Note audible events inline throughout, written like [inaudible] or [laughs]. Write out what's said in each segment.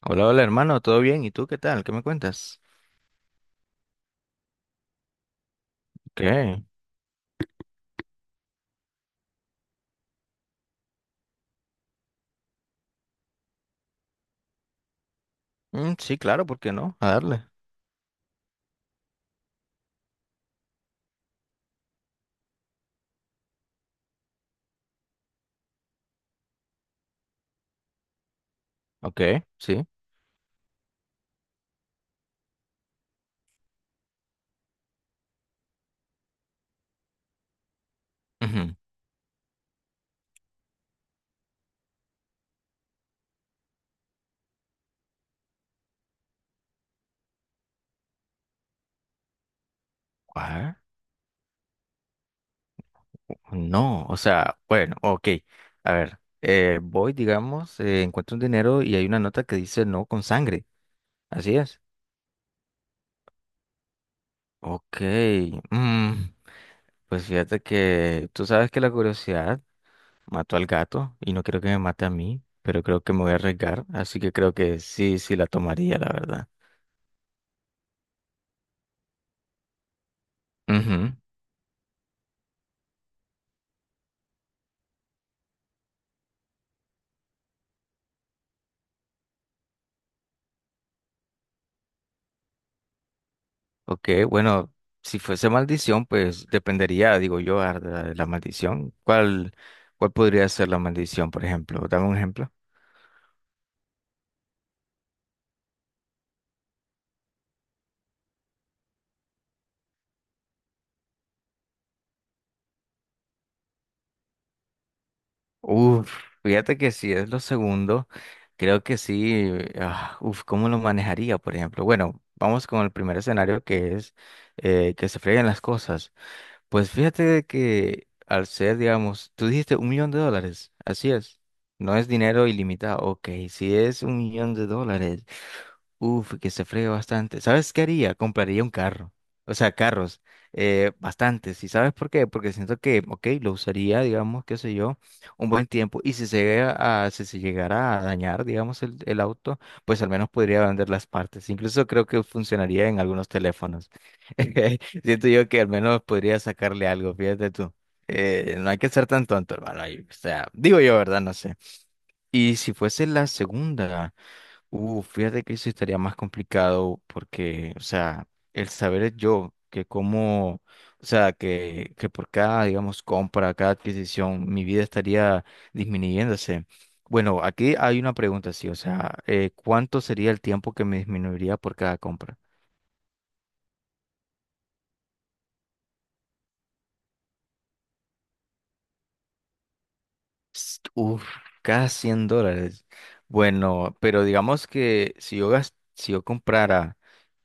Hola, hola hermano, ¿todo bien? ¿Y tú qué tal? ¿Qué me cuentas? ¿Qué? Mm, sí, claro, ¿por qué no? A darle. Ok, sí. Ujú. Ah, no, o sea, bueno, ok. A ver, voy, digamos, encuentro un dinero y hay una nota que dice no con sangre. Así es. Ok. mm, pues fíjate que tú sabes que la curiosidad mató al gato y no quiero que me mate a mí, pero creo que me voy a arriesgar, así que creo que sí, sí la tomaría, la verdad. Ok, bueno, si fuese maldición, pues dependería, digo yo, de la maldición. ¿Cuál podría ser la maldición, por ejemplo? Dame un ejemplo. Uf, fíjate que si es lo segundo, creo que sí. Ah, uf, ¿cómo lo manejaría, por ejemplo? Bueno, vamos con el primer escenario que es que se freguen las cosas. Pues fíjate de que al ser, digamos, tú dijiste $1.000.000, así es. No es dinero ilimitado, ok, si es $1.000.000. Uf, que se fregue bastante. ¿Sabes qué haría? Compraría un carro. O sea, carros. Bastantes. ¿Y sabes por qué? Porque siento que, ok, lo usaría, digamos, qué sé yo, un buen tiempo. Y si se llega a, si se llegara a dañar, digamos, el auto, pues al menos podría vender las partes. Incluso creo que funcionaría en algunos teléfonos. [laughs] Siento yo que al menos podría sacarle algo, fíjate tú. No hay que ser tan tonto, hermano. Ahí, o sea, digo yo, ¿verdad? No sé. Y si fuese la segunda. Fíjate que eso estaría más complicado porque, o sea, el saber es yo, que como, o sea, que por cada, digamos, compra, cada adquisición, mi vida estaría disminuyéndose. Bueno, aquí hay una pregunta, sí, o sea, ¿cuánto sería el tiempo que me disminuiría por cada compra? Uf, cada $100. Bueno, pero digamos que si yo si yo comprara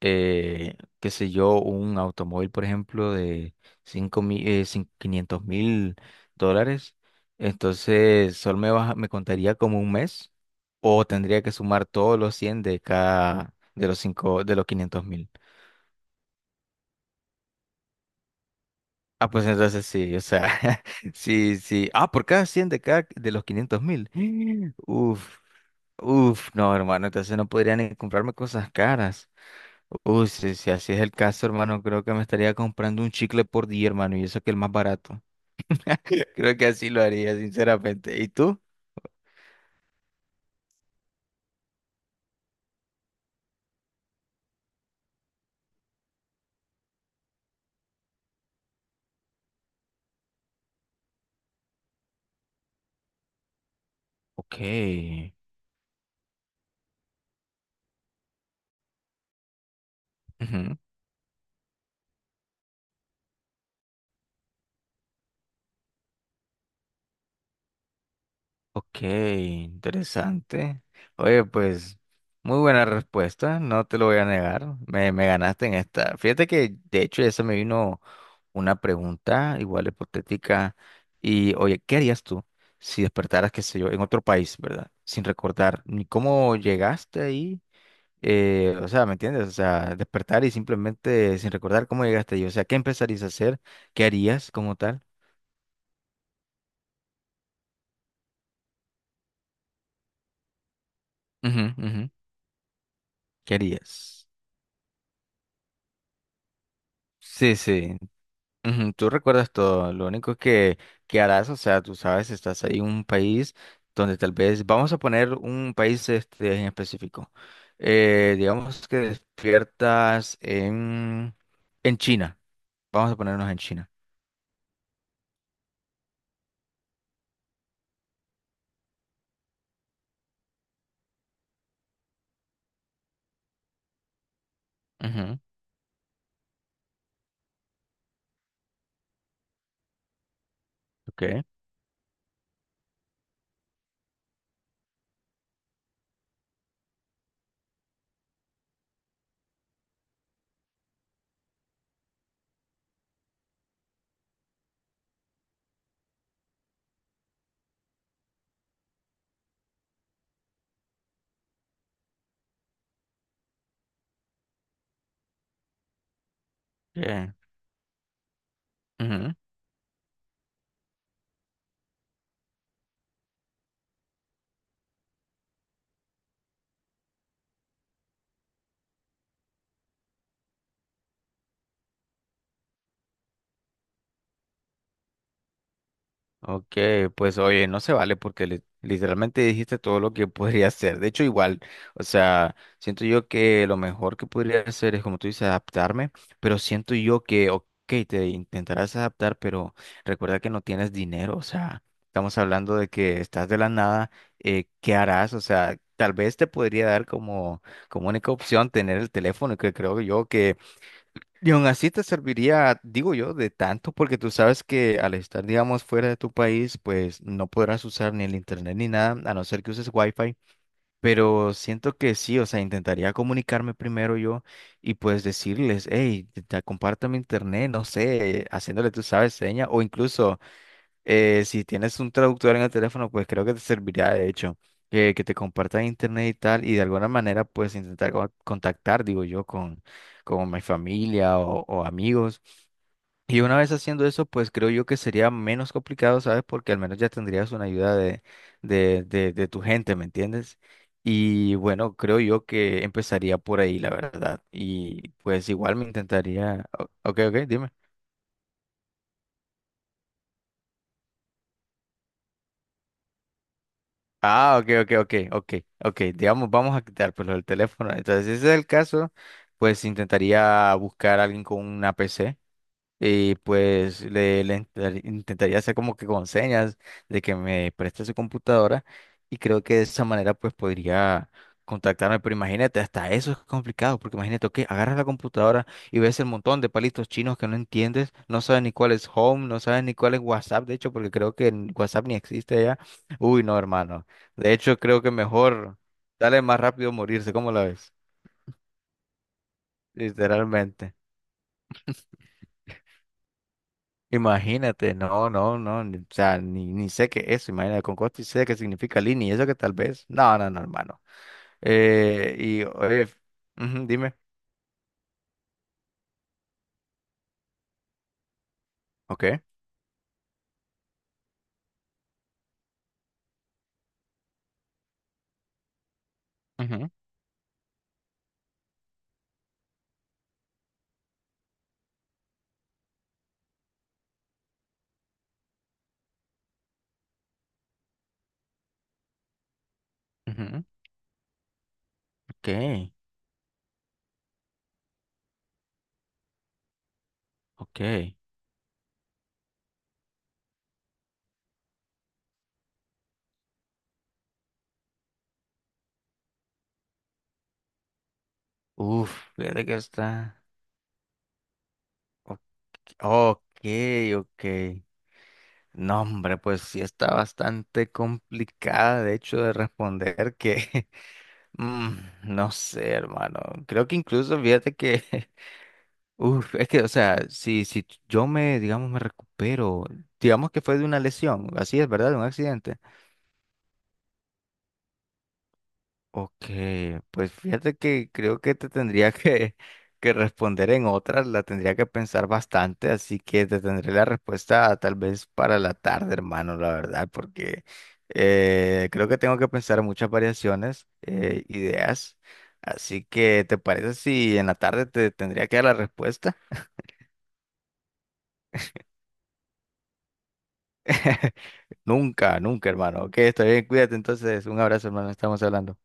qué sé yo, un automóvil, por ejemplo, de 5.000, 500 mil dólares, entonces solo me contaría como un mes o tendría que sumar todos los 100 de cada, de los cinco, de los 500.000. Ah, pues entonces sí, o sea, [laughs] sí, sí. Ah, por cada 100 de cada, de los 500.000. [gasps] Uf, uf, no, hermano, entonces no podría ni comprarme cosas caras. Uy, si así es el caso, hermano, creo que me estaría comprando un chicle por día, hermano, y eso que es el más barato. Creo que así lo haría, sinceramente. ¿Y tú? Ok, ujú, ok, interesante. Oye, pues, muy buena respuesta, no te lo voy a negar. Me ganaste en esta. Fíjate que, de hecho, ya se me vino una pregunta igual hipotética. Y, oye, ¿qué harías tú si despertaras, qué sé yo, en otro país, ¿verdad? Sin recordar ni cómo llegaste ahí. O sea, ¿me entiendes? O sea, despertar y simplemente sin recordar cómo llegaste ahí. O sea, ¿qué empezarías a hacer? ¿Qué harías como tal? Ujú, ujú. ¿Qué harías? Sí, sí. Ujú, tú recuerdas todo. Lo único que harás, o sea, tú sabes, estás ahí en un país donde tal vez, vamos a poner un país este, en específico. Digamos que despiertas en China. Vamos a ponernos en China. Ujú, ok. Eh, ok, pues oye, no se vale porque literalmente dijiste todo lo que [laughs] podría hacer. De hecho, igual, o sea, siento yo que lo mejor que podría hacer es, como tú dices, adaptarme, pero siento yo que, ok, te intentarás adaptar, pero recuerda que no tienes dinero, o sea, estamos hablando de que estás de la nada, ¿qué harás? O sea, tal vez te podría dar como única opción tener el teléfono, que creo yo y aún así te serviría, digo yo, de tanto, porque tú sabes que al estar, digamos, fuera de tu país, pues no podrás usar ni el internet ni nada, a no ser que uses wifi. Pero siento que sí, o sea, intentaría comunicarme primero yo y pues decirles, hey, te comparto mi internet, no sé, haciéndole, tú sabes, seña, o incluso si tienes un traductor en el teléfono, pues creo que te serviría de hecho que te compartas internet y tal, y de alguna manera pues intentar contactar, digo yo, con mi familia o amigos. Y una vez haciendo eso, pues creo yo que sería menos complicado, ¿sabes? Porque al menos ya tendrías una ayuda de tu gente, ¿me entiendes? Y bueno, creo yo que empezaría por ahí, la verdad. Y pues igual me intentaría. Ok, ok, dime. Ah, ok, ok, ok, ok, ok. Digamos, vamos a quitar pues lo del teléfono. Entonces, si ese es el caso, pues intentaría buscar a alguien con una PC y pues le intentaría hacer como que con señas de que me preste su computadora y creo que de esa manera pues podría contactarme. Pero imagínate, hasta eso es complicado, porque imagínate, ok, agarras la computadora y ves el montón de palitos chinos que no entiendes, no sabes ni cuál es Home, no sabes ni cuál es WhatsApp, de hecho, porque creo que en WhatsApp ni existe ya. Uy, no, hermano. De hecho, creo que mejor, dale más rápido morirse, ¿cómo la ves? Literalmente. Imagínate, no, no, no, o sea, ni sé qué es, imagínate, con costo y sé qué significa línea, y eso que tal vez, no, no, no, hermano. Y, oye, ujú, dime, ok, ujú, ujú, ok, ok, uf, fíjate que está, ok, ok, ok, no, hombre, pues sí está bastante complicada, de hecho, de responder que, [laughs] mm, no sé, hermano, creo que incluso, fíjate que [laughs] Uf, es que, o sea, si yo me, digamos, me recupero, digamos que fue de una lesión, así es, ¿verdad? De un accidente. Ok, pues fíjate que creo que te tendría [laughs] que responder en otra, la tendría que pensar bastante, así que te tendré la respuesta tal vez para la tarde, hermano, la verdad, porque creo que tengo que pensar muchas variaciones, ideas, así que ¿te parece si en la tarde te tendría que dar la respuesta? [laughs] Nunca, nunca, hermano. Ok, está bien, cuídate entonces. Un abrazo, hermano. Estamos hablando.